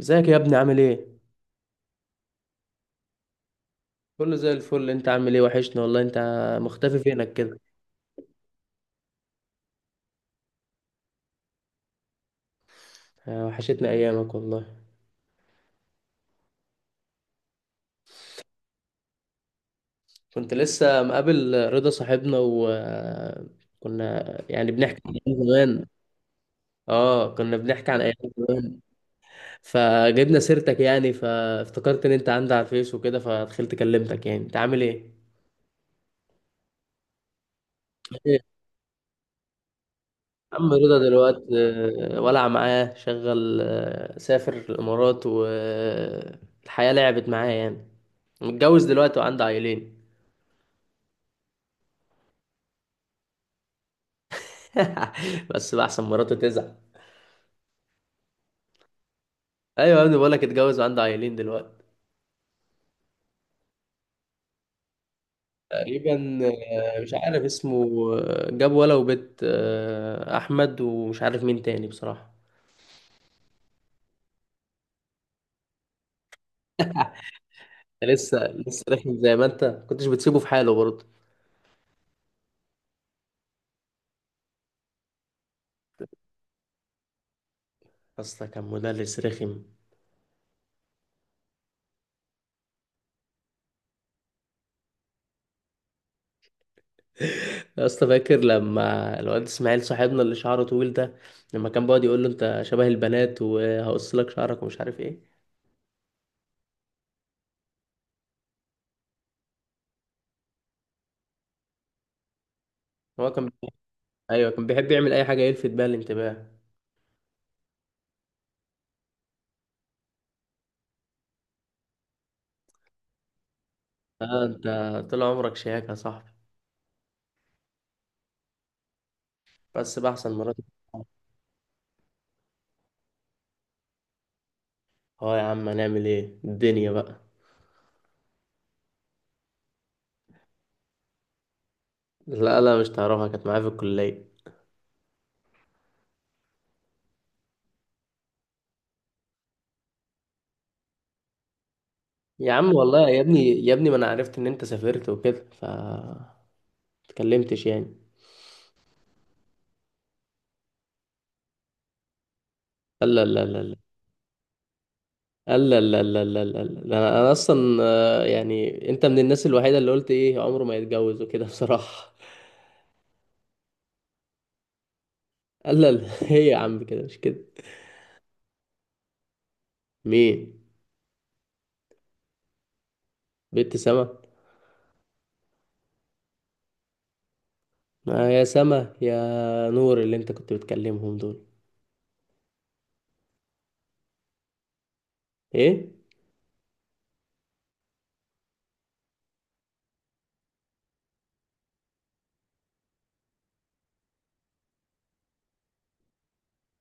ازيك يا ابني، عامل ايه؟ كله زي الفل. انت عامل ايه؟ وحشنا والله انت، مختفي فينك كده. آه، وحشتنا ايامك والله. كنت لسه مقابل رضا صاحبنا وكنا يعني بنحكي عن ايام زمان. اه، كنا بنحكي عن ايام زمان، فجبنا سيرتك يعني، فافتكرت ان انت عندي على الفيس وكده، فدخلت كلمتك. يعني انت عامل ايه؟ إيه؟ عم رضا دلوقتي؟ آه، ولع معاه شغل. سافر الامارات والحياة لعبت معاه يعني. متجوز دلوقتي وعنده عيلين. بس بقى احسن مراته تزعل. ايوه يا ابني، بقول لك اتجوز وعنده عيلين دلوقتي. تقريبا. آه، مش عارف اسمه. آه، جاب ولا وبيت، احمد ومش عارف مين تاني بصراحه. أنت لسه لسه رخم، زي ما انت كنتش بتسيبه في حاله برضه. اصلا كان مدرس رخم. يا اسطى، فاكر لما الواد اسماعيل صاحبنا اللي شعره طويل ده، لما كان بيقعد يقول له انت شبه البنات وهقص لك شعرك ومش عارف ايه. هو كان ايوه، كان بيحب يعمل اي حاجه يلفت بيها الانتباه. اه انت، طول عمرك شياكة يا صاحبي. بس بقى احسن مرات. اه يا عم، هنعمل ايه الدنيا بقى. لا لا، مش تعرفها، كانت معايا في الكلية. يا عم والله يا ابني، يا ابني ما انا عرفت ان انت سافرت وكده اتكلمتش يعني. لا لا لا لا لا لا لا لا لا لا، أنا اصلا. آه، يعني انت من الناس الوحيدة اللي قلت ايه عمره ما يتجوز وكده بصراحة. لا لا، هي يا عم كده مش كده. مين؟ بنت سما؟ ما يا سما يا نور اللي انت كنت بتكلمهم دول. ايه؟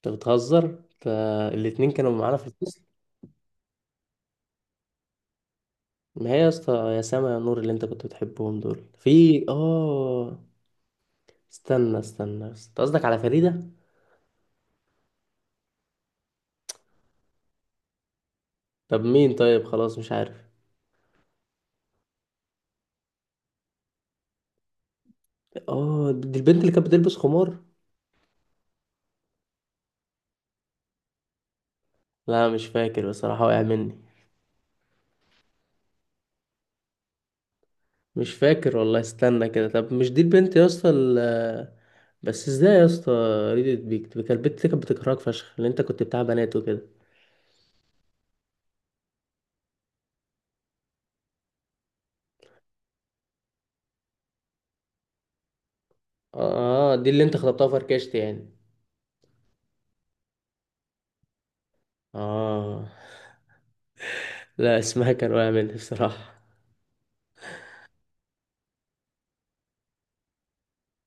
انت بتهزر، فالاتنين كانوا معانا في الفصل. ما هي يا اسطى، يا سما يا نور اللي انت كنت بتحبهم دول في استنى استنى، انت قصدك على فريدة؟ طب مين؟ طيب خلاص مش عارف. اه، دي البنت اللي كانت بتلبس خمار. لا مش فاكر بصراحة، وقع مني. مش فاكر والله. استنى كده، طب مش دي البنت يا اسطى بس ازاي يا اسطى؟ ريدت بيك كانت البنت اللي كانت بتكرهك فشخ، اللي انت كنت بتاع بنات وكده. اه، دي اللي انت خطبتها فركشت يعني. اه. لا اسمها كان واقع مني بصراحة.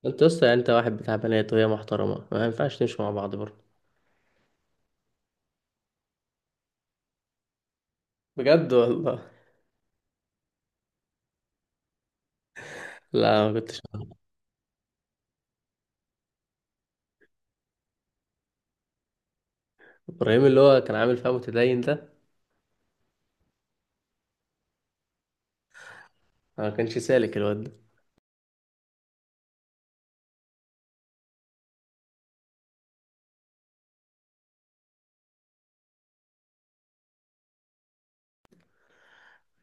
انت يا اسطى يعني، انت واحد بتاع بنات وهي محترمة، ما ينفعش تمشوا مع بعض برضه. بجد والله؟ لا ما كنتش. ابراهيم اللي هو كان عامل فيها متدين ده؟ ما كانش سالك الواد ده.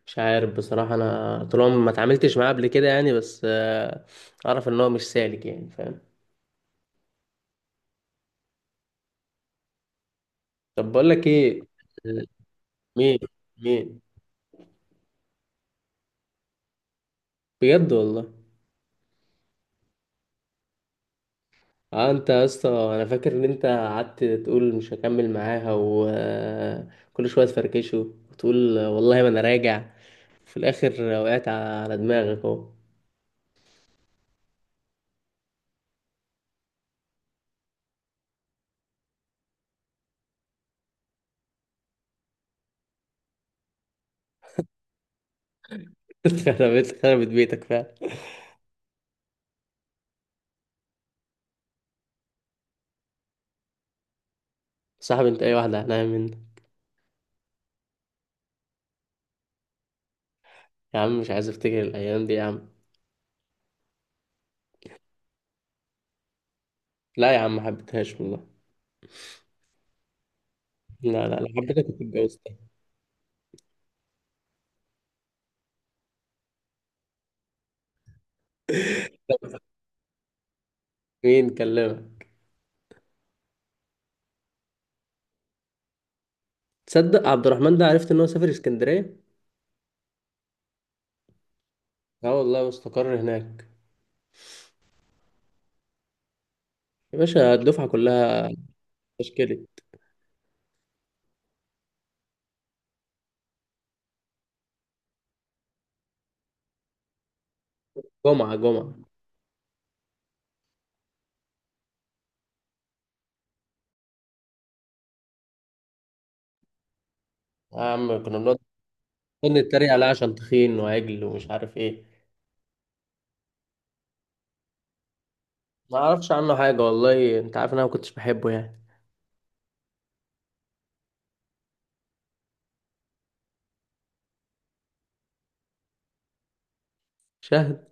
مش عارف بصراحة، انا طول عمري ما اتعاملتش معاه قبل كده يعني بس، اعرف ان هو مش سالك يعني، فاهم. طب بقول لك ايه. مين؟ مين؟ بجد والله؟ اه انت يا اسطى، انا فاكر ان انت قعدت تقول مش هكمل معاها وكل شويه تفركشه، وتقول والله ما انا راجع، في الاخر وقعت على دماغك اهو. خربت خربت بيتك فعلا. صاحب، انت اي واحده هنعمل منها. يا عم مش عايز افتكر الايام دي يا عم. لا يا عم، ما حبيتهاش والله. لا لا، لو حبيتك كنت اتجوزت. مين كلمك؟ تصدق عبد الرحمن ده، عرفت ان هو سافر اسكندريه؟ اه والله، واستقر هناك. يا باشا الدفعه كلها. تشكيلي. جمعه جمعه. يا عم كنا بنقعد، كنا نتريق عليه عشان تخين وعجل ومش عارف ايه. ما اعرفش عنه حاجه والله، انت عارف ان انا ما كنتش بحبه يعني. شاهد.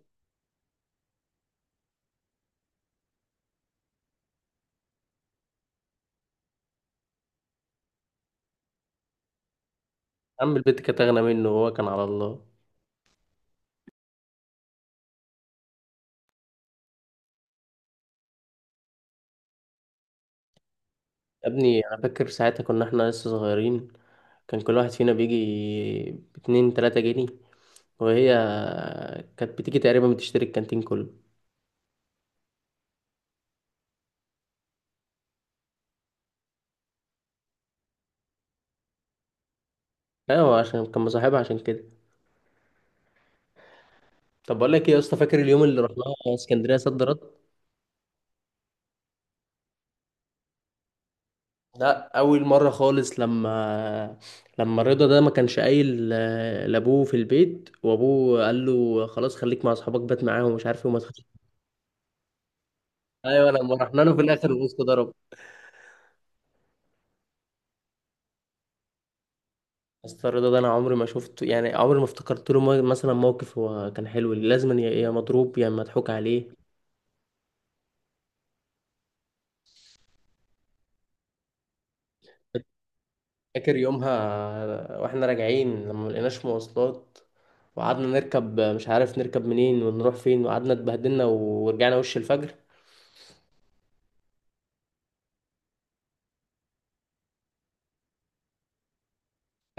عم البت كانت اغنى منه وهو كان على الله. يا ابني، انا فاكر ساعتها كنا احنا لسه صغيرين، كان كل واحد فينا بيجي باتنين تلاتة جنيه، وهي كانت بتيجي تقريبا بتشتري الكانتين كله. ايوه، عشان كان مصاحبها، عشان كده. طب بقول لك ايه يا اسطى، فاكر اليوم اللي رحناه اسكندريه صد رد؟ لا، اول مره خالص، لما رضا ده ما كانش قايل لابوه في البيت، وابوه قال له خلاص خليك مع اصحابك، بات معاهم ومش عارف ايه وما تخش. ايوه، لما رحنا له في الاخر، الوسط ضرب. بس رضا ده، انا عمري ما شفته يعني، عمري ما افتكرت له مثلا موقف هو كان حلو، لازم يا مضروب يا مضحوك عليه. فاكر يومها واحنا راجعين لما ملقيناش مواصلات، وقعدنا نركب مش عارف نركب منين ونروح فين، وقعدنا اتبهدلنا ورجعنا وش الفجر.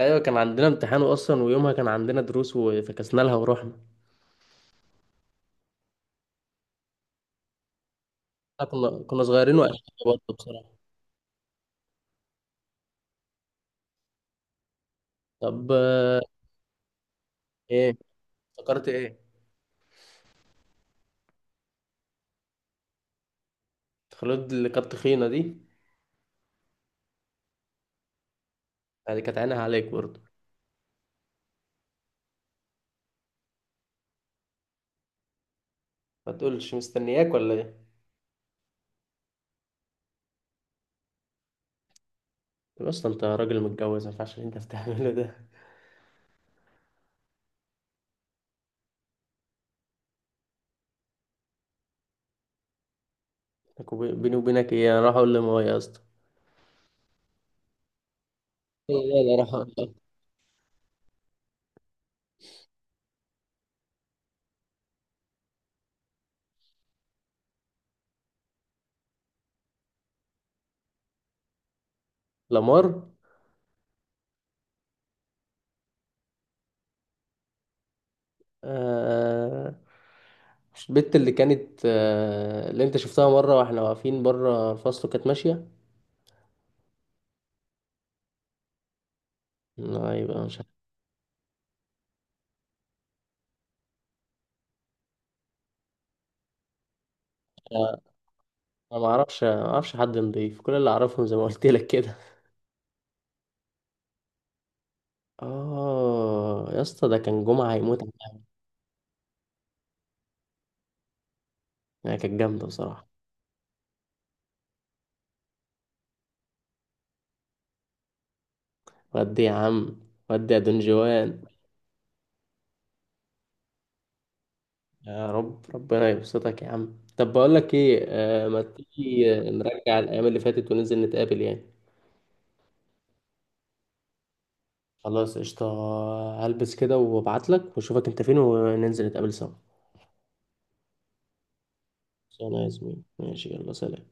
ايوه، كان عندنا امتحان اصلا، ويومها كان عندنا دروس وفكسنا لها ورحنا. إحنا كنا صغيرين وقتها. برضه بصراحه. طب ايه؟ افتكرت ايه؟ خلود اللي كانت تخينه دي؟ يعني كانت عينها عليك برضه. ما تقولش مستنياك ولا ايه؟ طب اصلا انت راجل متجوز، ما ينفعش اللي انت بتعمله ده. لك بيني وبينك ايه؟ انا راح اقول لماما يا اسطى. لا لا، راح اقول. لمار؟ آه... مش البت اللي كانت اللي انت شفتها مره واحنا واقفين بره الفصل وكانت ماشيه؟ لا، يبقى مش عارف. انا ما اعرفش حد نضيف، كل اللي اعرفهم زي ما قلت لك كده. اه يا اسطى، ده كان جمعة هيموت عنها. هي كانت جامدة بصراحة. ودي يا عم، ودي يا دنجوان. يا رب ربنا يبسطك يا عم. طب بقول لك ايه، ما تيجي، نرجع الايام اللي فاتت وننزل نتقابل يعني. خلاص قشطة. هلبس كده وابعت لك واشوفك انت فين، وننزل نتقابل سوا. خلاص يا زميلي، ماشي، يلا سلام.